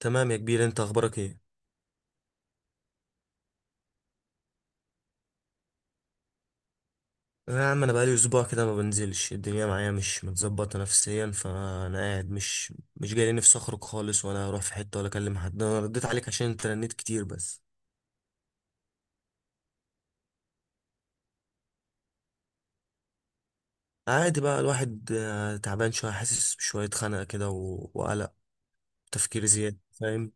تمام يا كبير، انت اخبارك ايه؟ يا عم انا بقالي اسبوع كده، ما بنزلش الدنيا معايا، مش متظبطه نفسيا، فانا قاعد مش جاي لي نفسي اخرج خالص، ولا اروح في حته، ولا اكلم حد. انا رديت عليك عشان انت رنيت كتير بس. عادي بقى الواحد تعبان شويه، حاسس بشويه خنقه كده وقلق، تفكير زياده، فاهم؟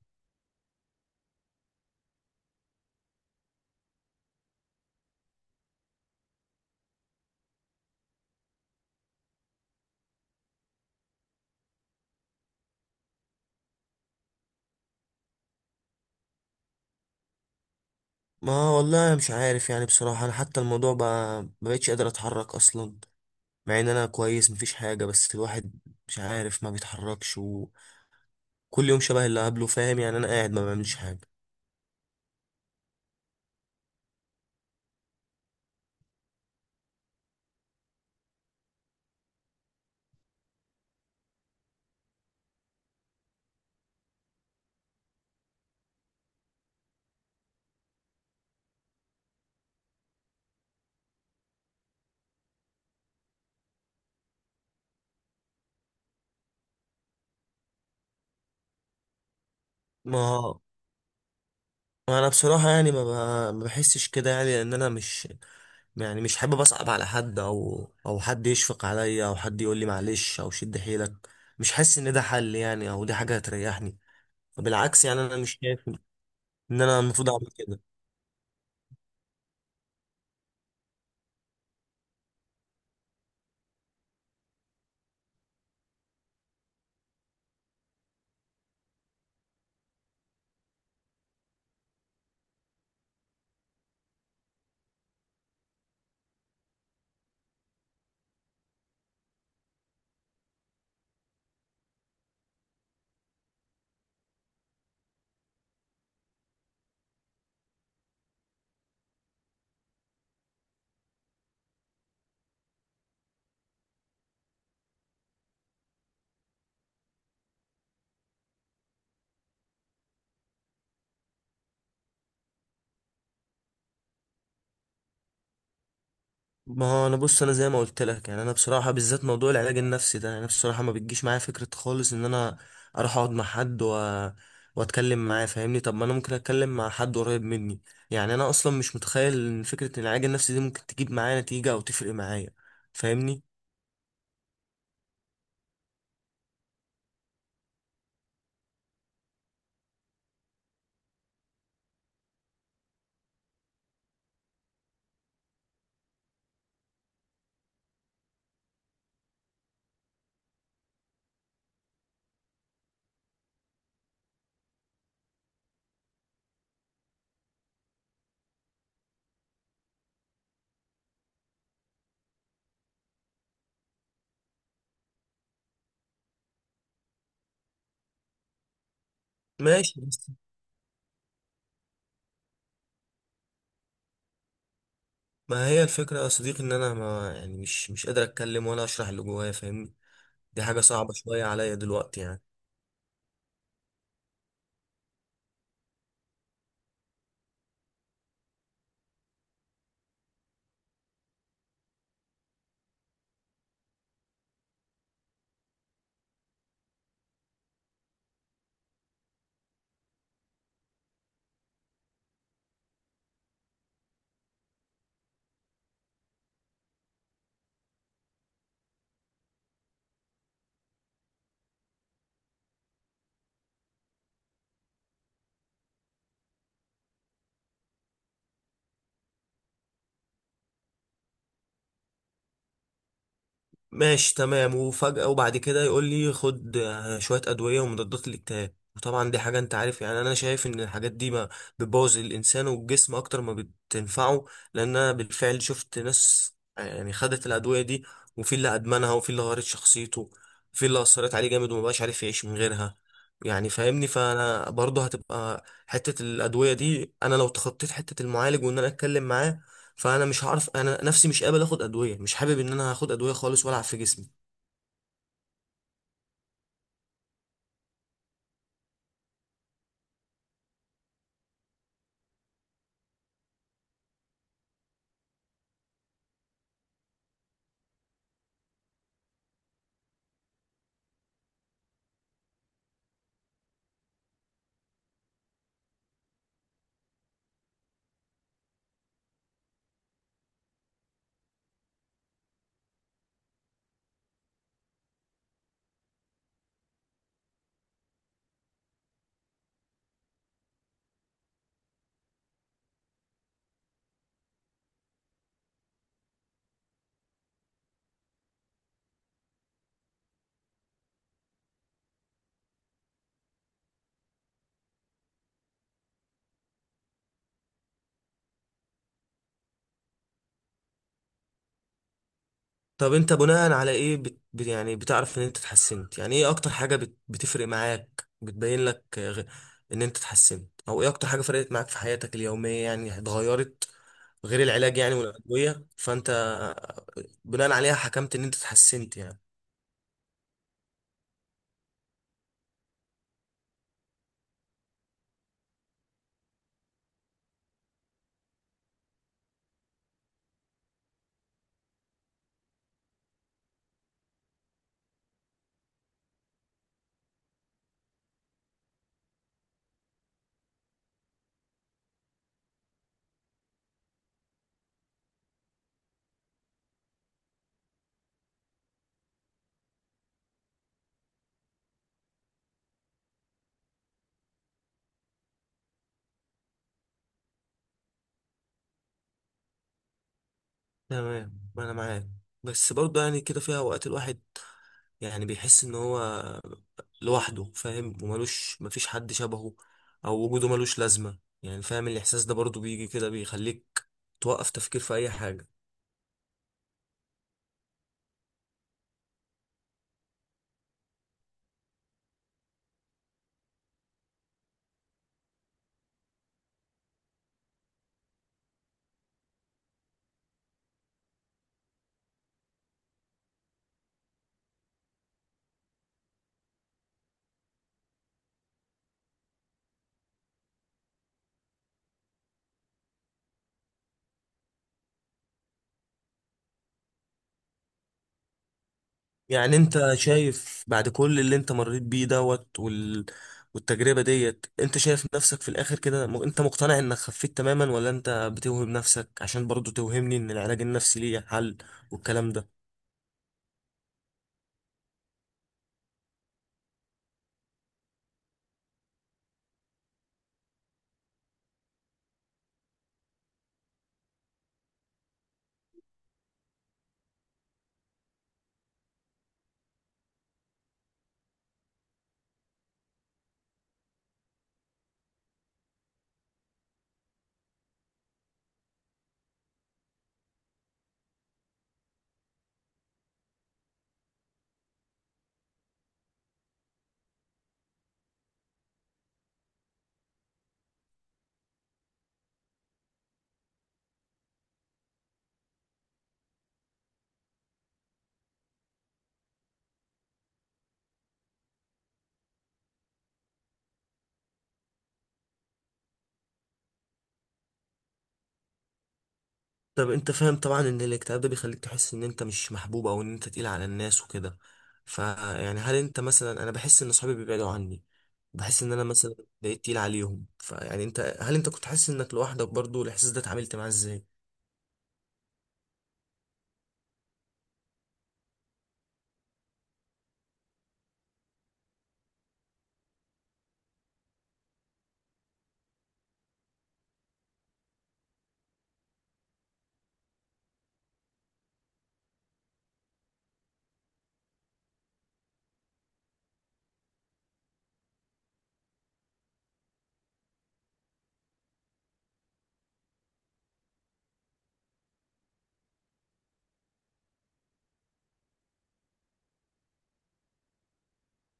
ما والله مش عارف يعني، بصراحه انا حتى الموضوع بقى ما بقتش قادر اتحرك اصلا، مع ان انا كويس مفيش حاجه، بس الواحد مش عارف ما بيتحركش، وكل يوم شبه اللي قبله، فاهم يعني؟ انا قاعد ما بعملش حاجه. ما ما انا بصراحه يعني ما بحسش كده يعني، لان انا مش يعني مش حابب اصعب على حد، او حد يشفق عليا، او حد يقول لي معلش او شد حيلك. مش حاسس ان ده حل يعني، او دي حاجه هتريحني. بالعكس، يعني انا مش شايف ان انا المفروض اعمل كده. ما هو انا بص، انا زي ما قلت لك، يعني انا بصراحه، بالذات موضوع العلاج النفسي ده، يعني انا بصراحه ما بتجيش معايا فكره خالص ان انا اروح اقعد مع حد واتكلم معاه، فاهمني؟ طب ما انا ممكن اتكلم مع حد قريب مني. يعني انا اصلا مش متخيل ان فكره إن العلاج النفسي دي ممكن تجيب معايا نتيجه او تفرق معايا، فاهمني؟ ماشي، بس ما هي الفكره يا صديقي، ان انا ما يعني مش قادر اتكلم ولا اشرح اللي جوايا، فاهمني؟ دي حاجه صعبه شويه عليا دلوقتي يعني. ماشي تمام، وفجأة وبعد كده يقول لي خد شوية أدوية ومضادات الاكتئاب، وطبعا دي حاجة انت عارف يعني، انا شايف ان الحاجات دي ما بتبوظ الانسان والجسم اكتر ما بتنفعه. لان انا بالفعل شفت ناس يعني خدت الأدوية دي، وفي اللي أدمنها، وفي اللي غيرت شخصيته، وفي اللي أثرت عليه جامد ومبقاش عارف يعيش من غيرها، يعني فاهمني. فانا برضه هتبقى حتة الأدوية دي، انا لو تخطيت حتة المعالج وان انا اتكلم معاه، فانا مش هعرف، انا نفسي مش قابل اخد ادويه، مش حابب ان انا هاخد ادويه خالص والعب في جسمي. طب انت بناء على ايه يعني بتعرف ان انت اتحسنت؟ يعني ايه اكتر حاجه بتفرق معاك، بتبين لك ان انت اتحسنت؟ او ايه اكتر حاجه فرقت معاك في حياتك اليوميه يعني، اتغيرت، غير العلاج يعني والادويه، فانت بناء عليها حكمت ان انت اتحسنت يعني؟ تمام، انا معاك، بس برضه يعني كده فيها اوقات الواحد يعني بيحس ان هو لوحده، فاهم؟ وملوش، مفيش حد شبهه، او وجوده ملوش لازمه يعني. فاهم الاحساس ده؟ برضو بيجي كده، بيخليك توقف تفكير في اي حاجه. يعني انت شايف بعد كل اللي انت مريت بيه دوت والتجربه ديت، انت شايف نفسك في الاخر كده، انت مقتنع انك خفيت تماما، ولا انت بتوهم نفسك عشان برضو توهمني ان العلاج النفسي ليه حل والكلام ده؟ طب انت فاهم طبعا ان الاكتئاب ده بيخليك تحس ان انت مش محبوب، او ان انت تقيل على الناس وكده، فيعني هل انت مثلا، انا بحس ان صحابي بيبعدوا عني، بحس ان انا مثلا بقيت تقيل عليهم، فيعني انت هل انت كنت حاسس انك لوحدك برضو؟ الاحساس ده اتعاملت معاه ازاي؟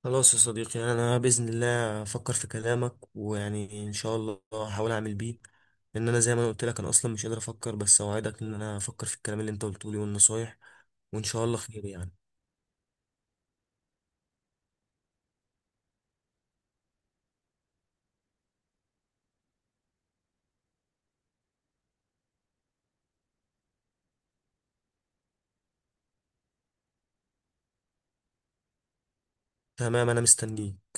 خلاص يا صديقي، انا باذن الله افكر في كلامك، ويعني ان شاء الله هحاول اعمل بيه، ان انا زي ما انا قلت لك، انا اصلا مش قادر افكر، بس اوعدك ان انا افكر في الكلام اللي انت قلته لي والنصايح، وان شاء الله خير يعني. تمام، انا مستنيك.